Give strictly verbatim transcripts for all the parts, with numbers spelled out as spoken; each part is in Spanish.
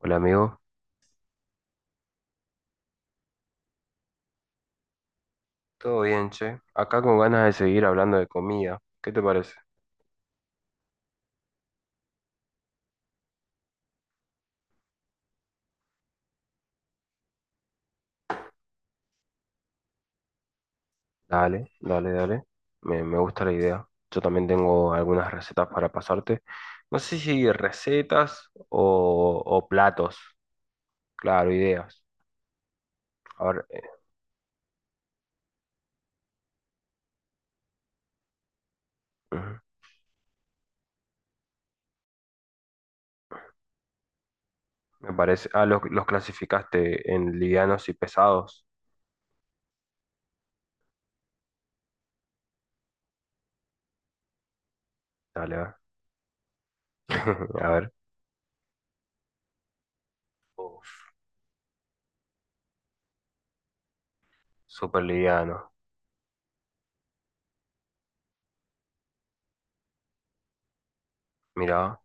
Hola amigo, ¿todo bien, che? Acá con ganas de seguir hablando de comida. ¿Qué te parece? Dale, dale, dale. Me, me gusta la idea. Yo también tengo algunas recetas para pasarte. No sé si recetas o, o platos. Claro, ideas. A ver, eh, ujú. Me parece. Ah, los, los clasificaste en livianos y pesados. Dale, a ver. A ver. Uf, súper liviano. Mira,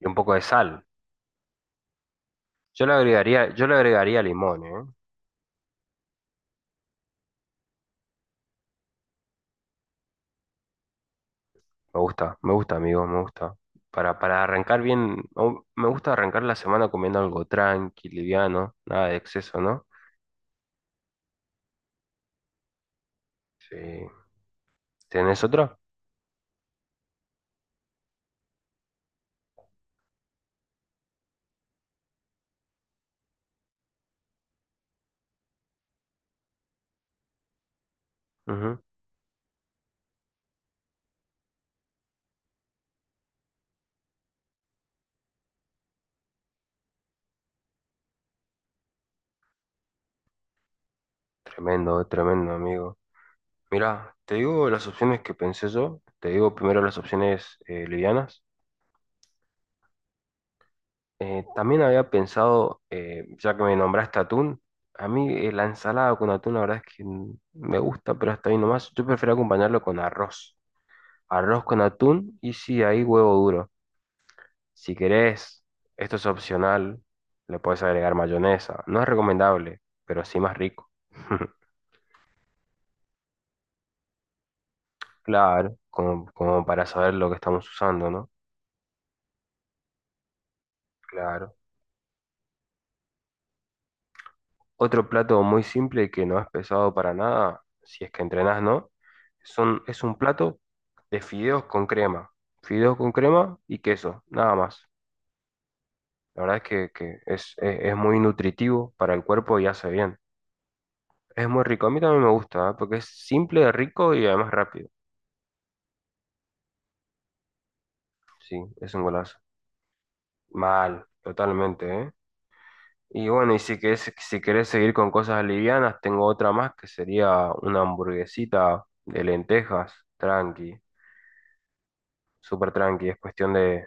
y un poco de sal. Yo le agregaría, yo le agregaría limón, ¿eh? Me gusta, me gusta, amigo, me gusta. Para, para arrancar bien, o- me gusta arrancar la semana comiendo algo tranqui, liviano, nada de exceso, ¿no? Sí. ¿Tenés otra? Ujú. Tremendo, eh, tremendo, amigo. Mirá, te digo las opciones que pensé yo. Te digo primero las opciones eh, livianas. Eh, también había pensado, eh, ya que me nombraste atún, a mí eh, la ensalada con atún, la verdad es que mm, me gusta, pero hasta ahí nomás. Yo prefiero acompañarlo con arroz. Arroz con atún y sí, ahí huevo duro. Si querés, esto es opcional, le puedes agregar mayonesa. No es recomendable, pero sí más rico. Claro, como, como para saber lo que estamos usando, ¿no? Claro. Otro plato muy simple que no es pesado para nada, si es que entrenás, ¿no? Son, es un plato de fideos con crema. Fideos con crema y queso, nada más. La verdad es que, que es, es- es muy nutritivo para el cuerpo y hace bien. Es muy rico. A mí también me gusta, ¿eh? Porque es simple, rico y además rápido. Sí, es un golazo. Mal, totalmente, ¿eh? Y bueno, y si querés, si querés seguir con cosas livianas, tengo otra más que sería una hamburguesita de lentejas, tranqui, súper tranqui. Es cuestión de...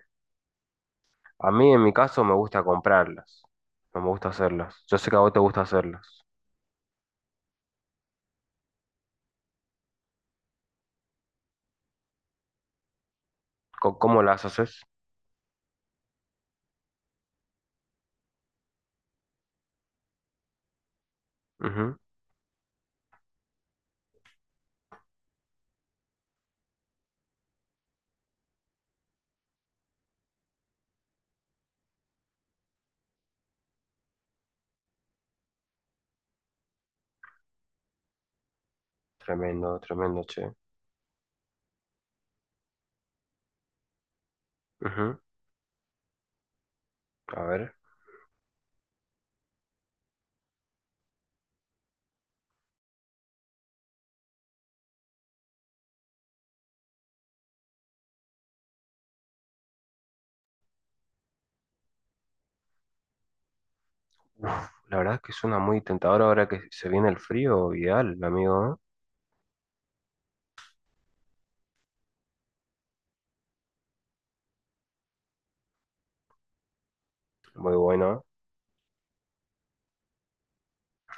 A mí, en mi caso, me gusta comprarlas. No me gusta hacerlas. Yo sé que a vos te gusta hacerlas. Co- ¿Cómo las haces? Ujú. Tremendo, tremendo, che. Ujú. A ver. Uf, la verdad es que suena muy tentador ahora que se viene el frío, ideal, amigo, ¿eh? Muy bueno.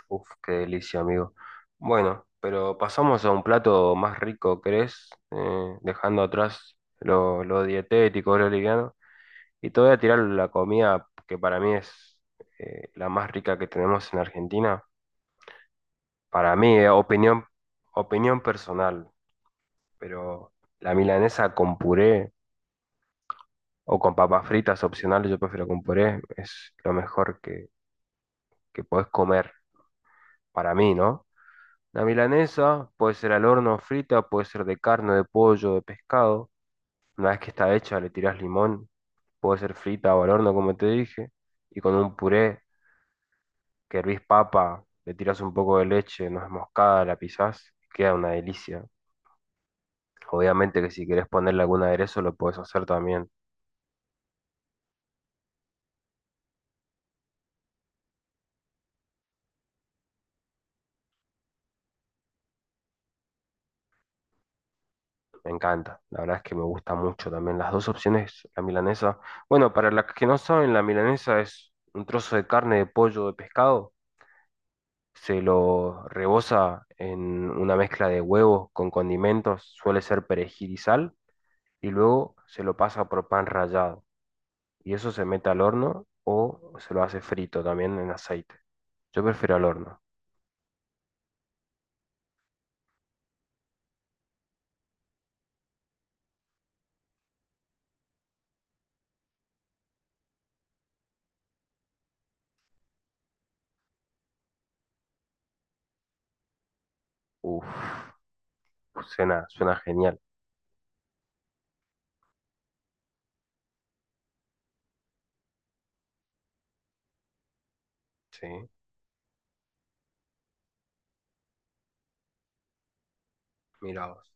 Uf, qué delicia, amigo. Bueno, pero pasamos a un plato más rico, ¿crees? Eh, dejando atrás lo, lo dietético, lo liviano. Y te voy a tirar la comida que para mí es eh, la más rica que tenemos en Argentina. Para mí, eh, opinión, opinión personal, pero la milanesa con puré o con papas fritas opcionales, yo prefiero con puré, es lo mejor que, que podés comer para mí, ¿no? La milanesa puede ser al horno frita, puede ser de carne, de pollo, de pescado. Una vez que está hecha, le tirás limón. Puede ser frita o al horno, como te dije. Y con un puré que hervís papa, le tirás un poco de leche, no es moscada, la pisás. Queda una delicia. Obviamente que si querés ponerle algún aderezo, lo puedes hacer también. Me encanta. La verdad es que me gusta mucho también. Las dos opciones, la milanesa. Bueno, para las que no saben, la milanesa es un trozo de carne, de pollo, de pescado, se lo reboza en una mezcla de huevos con condimentos, suele ser perejil y sal, y luego se lo pasa por pan rallado. Y eso se mete al horno o se lo hace frito también en aceite. Yo prefiero al horno. Uf, suena, suena genial. Sí, mira vos.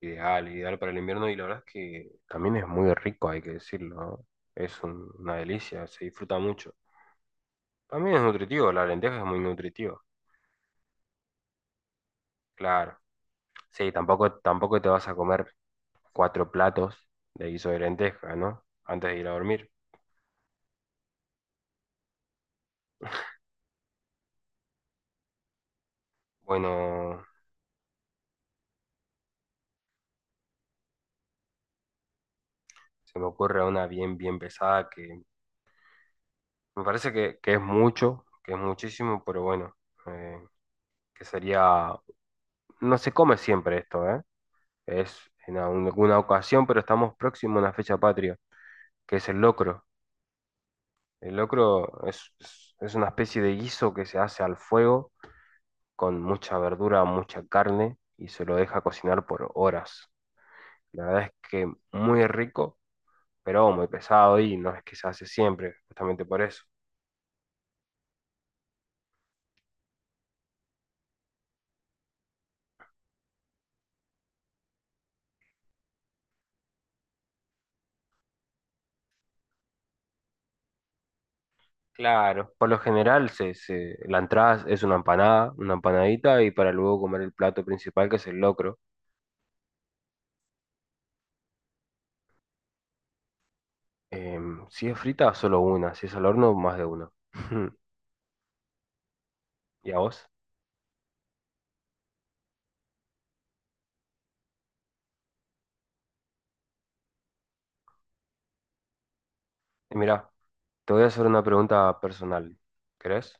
Ideal, ideal para el invierno y la verdad es que también es muy rico, hay que decirlo, ¿no? Es un- una delicia, se disfruta mucho. También es nutritivo, la lenteja es muy nutritiva, claro. Sí, tampoco, tampoco te vas a comer cuatro platos de guiso de lenteja, ¿no? Antes de ir a dormir. Bueno, se me ocurre una bien, bien pesada que me parece que, que es mucho, que es muchísimo, pero bueno, eh, que sería, no se come siempre esto, ¿eh? Es en alguna ocasión, pero estamos próximos a una fecha patria, que es el locro. El locro es, es- es una especie de guiso que se hace al fuego con mucha verdura, mucha carne y se lo deja cocinar por horas. La verdad es que muy rico pero muy pesado y no es que se hace siempre, justamente por eso. Claro, por lo general se, se- la entrada es una empanada, una empanadita y para luego comer el plato principal que es el locro. Em, si es frita, solo una, si es al horno, más de una. ¿Y a vos? Y mira, te voy a hacer una pregunta personal, ¿querés?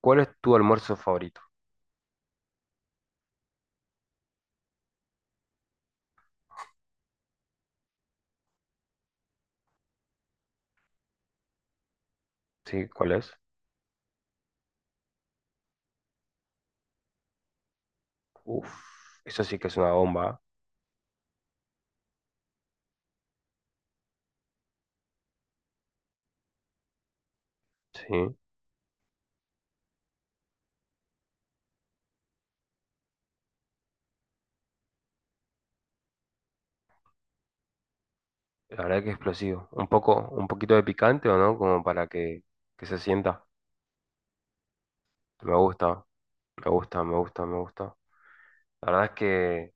¿Cuál es tu almuerzo favorito? ¿Sí? ¿Cuál es? Uf, eso sí que es una bomba, ¿eh? Sí, la verdad que es explosivo. Un poco, un poquito de picante o no, como para que, que se sienta. Me gusta, me gusta, me gusta, me gusta. La verdad es que,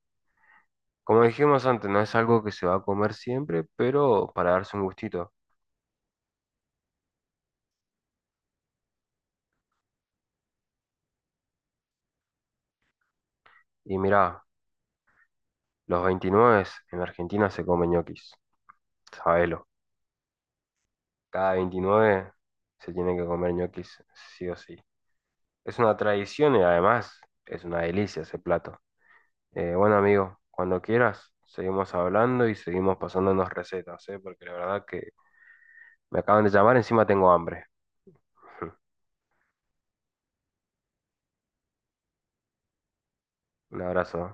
como dijimos antes, no es algo que se va a comer siempre, pero para darse un gustito. Y mirá, los veintinueve en Argentina se comen ñoquis, sabelo. Cada veintinueve se tiene que comer ñoquis, sí o sí. Es una tradición y además es una delicia ese plato. Eh, bueno, amigo, cuando quieras, seguimos hablando y seguimos pasándonos recetas, ¿eh? Porque la verdad que me acaban de llamar, encima tengo hambre. Un abrazo.